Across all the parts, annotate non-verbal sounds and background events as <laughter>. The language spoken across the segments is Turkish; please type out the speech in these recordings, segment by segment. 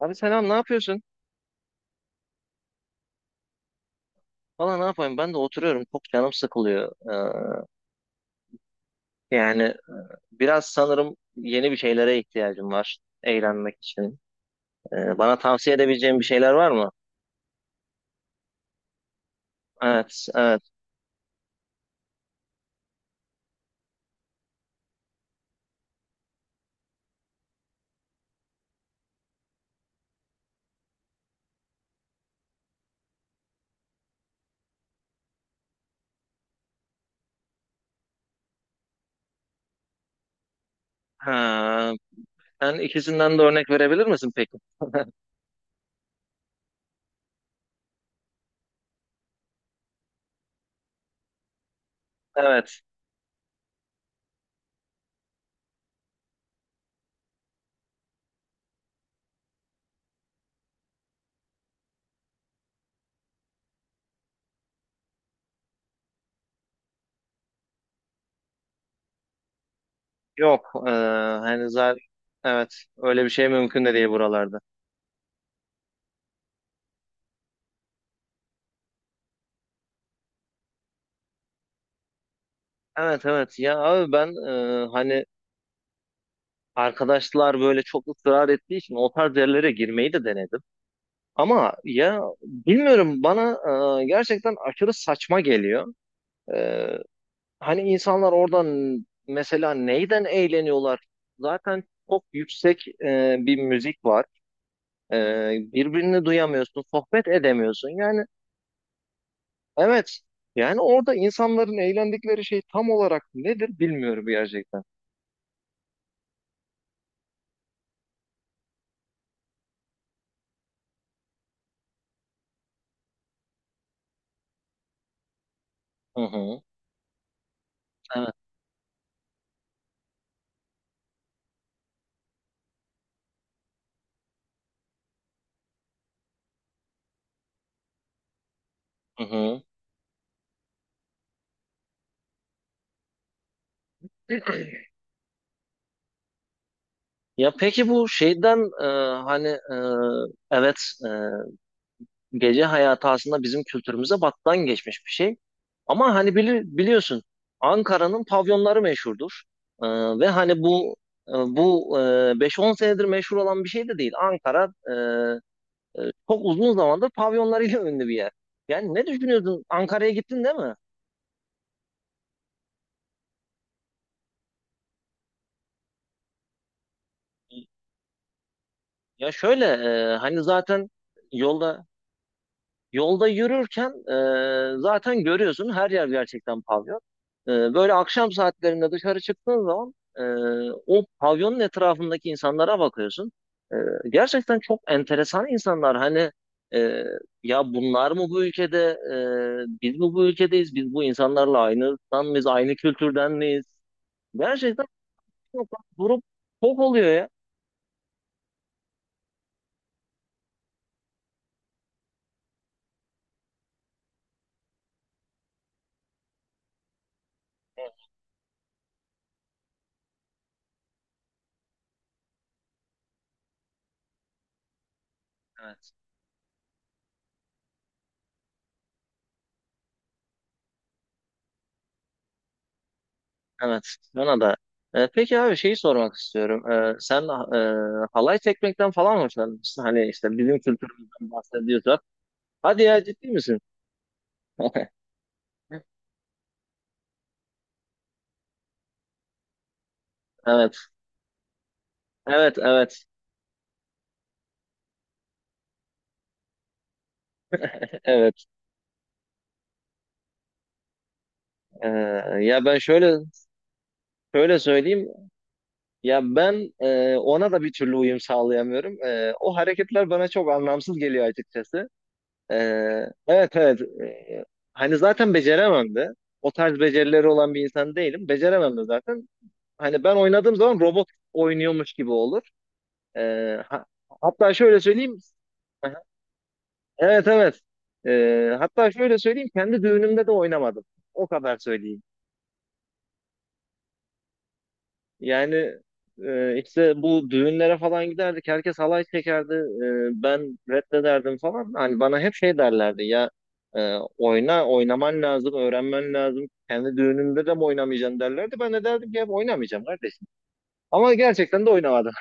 Abi selam, ne yapıyorsun? Valla ne yapayım, ben de oturuyorum, çok canım sıkılıyor. Yani biraz sanırım yeni bir şeylere ihtiyacım var eğlenmek için. Bana tavsiye edebileceğin bir şeyler var mı? Evet, evet. Ha, sen ikisinden de örnek verebilir misin peki? Evet, yok. Hani zaten evet, öyle bir şey mümkün de değil buralarda. Evet evet, ya abi ben hani arkadaşlar böyle çok ısrar ettiği için o tarz yerlere girmeyi de denedim. Ama ya bilmiyorum, bana gerçekten aşırı saçma geliyor. E, Hani insanlar oradan mesela neyden eğleniyorlar? Zaten çok yüksek bir müzik var. E, Birbirini duyamıyorsun, sohbet edemiyorsun. Yani evet, yani orada insanların eğlendikleri şey tam olarak nedir bilmiyorum gerçekten. Hı hı. Evet. Hı hı. Ya peki bu şeyden hani e, evet, e, gece hayatı aslında bizim kültürümüze battan geçmiş bir şey. Ama hani biliyorsun, Ankara'nın pavyonları meşhurdur. Ee, Ve hani bu 5-10 senedir meşhur olan bir şey de değil. Ankara e, çok uzun zamandır pavyonlarıyla <laughs> ünlü bir yer. Yani ne düşünüyordun? Ankara'ya gittin değil mi? Ya şöyle hani zaten yolda yolda yürürken zaten görüyorsun, her yer gerçekten pavyon. Böyle akşam saatlerinde dışarı çıktığın zaman o pavyonun etrafındaki insanlara bakıyorsun. E, Gerçekten çok enteresan insanlar. Hani e, ya bunlar mı bu ülkede? Biz mi bu ülkedeyiz? Biz bu insanlarla aynı ırktan mıyız? Aynı kültürden miyiz? Gerçekten çok durup çok oluyor ya. Evet, bana da. Peki abi, şeyi sormak istiyorum. Sen halay çekmekten falan hoşlanmışsın. Hani işte bizim kültürümüzden bahsediyorsan. Hadi ya, ciddi misin? <laughs> Evet, evet, evet, evet. E, ya ben şöyle söyleyeyim. Ya ben ona da bir türlü uyum sağlayamıyorum. O hareketler bana çok anlamsız geliyor açıkçası. E, evet, evet. Hani zaten beceremem de. O tarz becerileri olan bir insan değilim. Beceremem de zaten. Hani ben oynadığım zaman robot oynuyormuş gibi olur. Ee, ha- Hatta şöyle söyleyeyim. Aha, evet evet. Hatta şöyle söyleyeyim. Kendi düğünümde de oynamadım. O kadar söyleyeyim. Yani işte bu düğünlere falan giderdik. Herkes halay çekerdi. Ben reddederdim falan. Hani bana hep şey derlerdi ya, oyna, oynaman lazım, öğrenmen lazım. Kendi düğününde de mi oynamayacaksın derlerdi. Ben de derdim ki hep, oynamayacağım kardeşim. Ama gerçekten de oynamadım.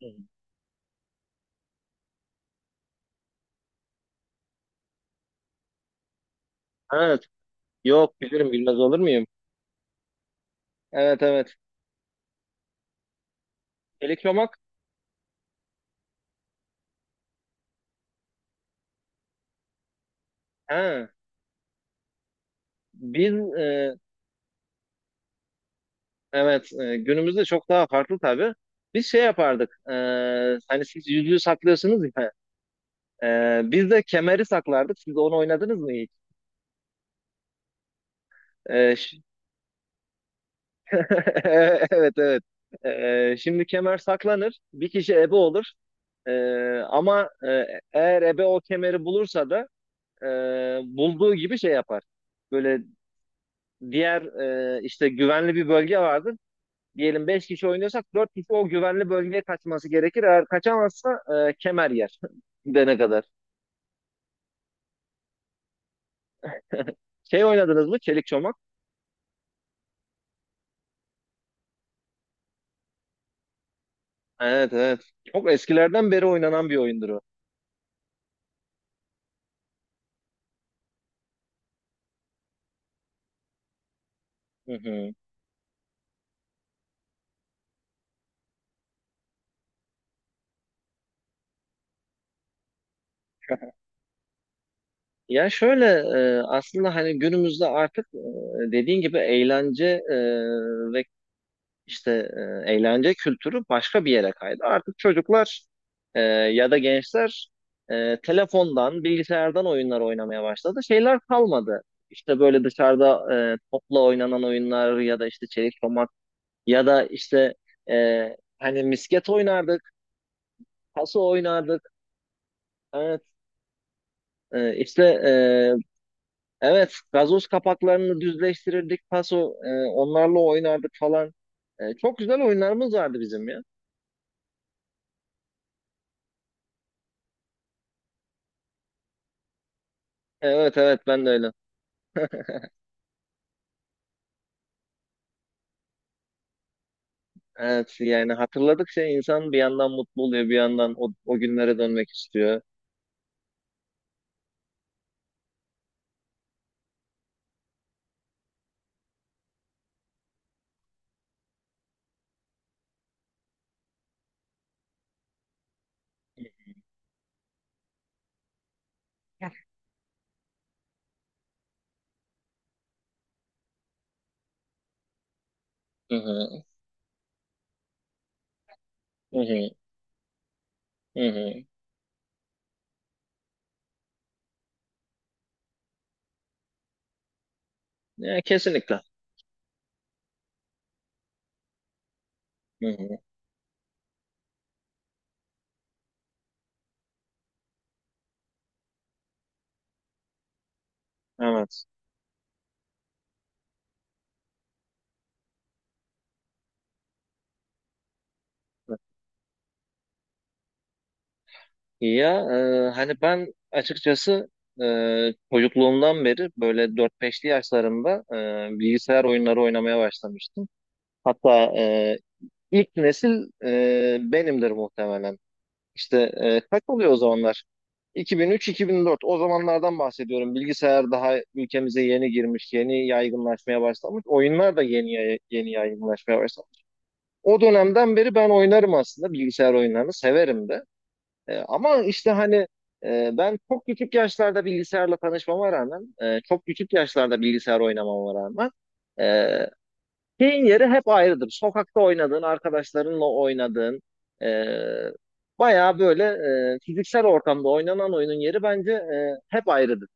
<laughs> Evet. Yok, bilirim, bilmez olur muyum? Evet evet. Elektromak. Ha. Biz e, evet, günümüzde çok daha farklı tabii. Biz şey yapardık. Hani siz yüzüğü saklıyorsunuz ya. Biz de kemeri saklardık. Siz onu oynadınız mı hiç? E, ş- <laughs> evet evet. Şimdi kemer saklanır. Bir kişi ebe olur. E, ama e, Eğer ebe o kemeri bulursa da e, bulduğu gibi şey yapar. Böyle diğer işte güvenli bir bölge vardır. Diyelim 5 kişi oynuyorsak, 4 kişi o güvenli bölgeye kaçması gerekir. Eğer kaçamazsa kemer yer <laughs> gidene kadar. Şey oynadınız mı? Çelik çomak? Evet evet. Çok eskilerden beri oynanan bir oyundur o. Hı hı. <laughs> Ya şöyle, aslında hani günümüzde artık e, dediğin gibi eğlence e, ve işte e, eğlence kültürü başka bir yere kaydı. Artık çocuklar ya da gençler telefondan, bilgisayardan oyunlar oynamaya başladı. Şeyler kalmadı. İşte böyle dışarıda topla oynanan oyunlar ya da işte çelik çomak ya da işte hani misket oynardık, taso oynardık. Evet, e, işte e, evet, gazoz kapaklarını düzleştirirdik, taso onlarla oynardık falan. Çok güzel oyunlarımız vardı bizim ya. Evet evet, ben de öyle. Evet, yani hatırladıkça insan bir yandan mutlu oluyor, bir yandan o, o günlere dönmek istiyor. Hı hı, hı hı, hı hı. Ya, kesinlikle. Hı hı, evet. Ya hani ben açıkçası e, çocukluğumdan beri böyle dört beşli yaşlarımda bilgisayar oyunları oynamaya başlamıştım. Hatta e, ilk nesil benimdir muhtemelen. İşte kaç oluyor o zamanlar? 2003-2004, o zamanlardan bahsediyorum. Bilgisayar daha ülkemize yeni girmiş, yeni yaygınlaşmaya başlamış. Oyunlar da yeni yaygınlaşmaya başlamış. O dönemden beri ben oynarım aslında, bilgisayar oyunlarını severim de. Ama işte hani ben çok küçük yaşlarda bilgisayarla tanışmama rağmen, çok küçük yaşlarda bilgisayar oynamama rağmen, e, şeyin yeri hep ayrıdır. Sokakta oynadığın, arkadaşlarınla oynadığın, e, bayağı böyle fiziksel ortamda oynanan oyunun yeri bence hep ayrıdır.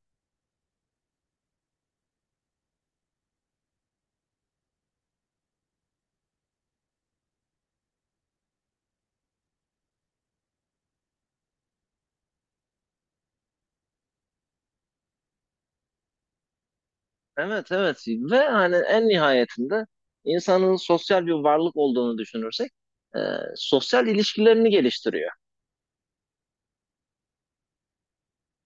Evet, evet. Ve hani en nihayetinde insanın sosyal bir varlık olduğunu düşünürsek, e, sosyal ilişkilerini geliştiriyor.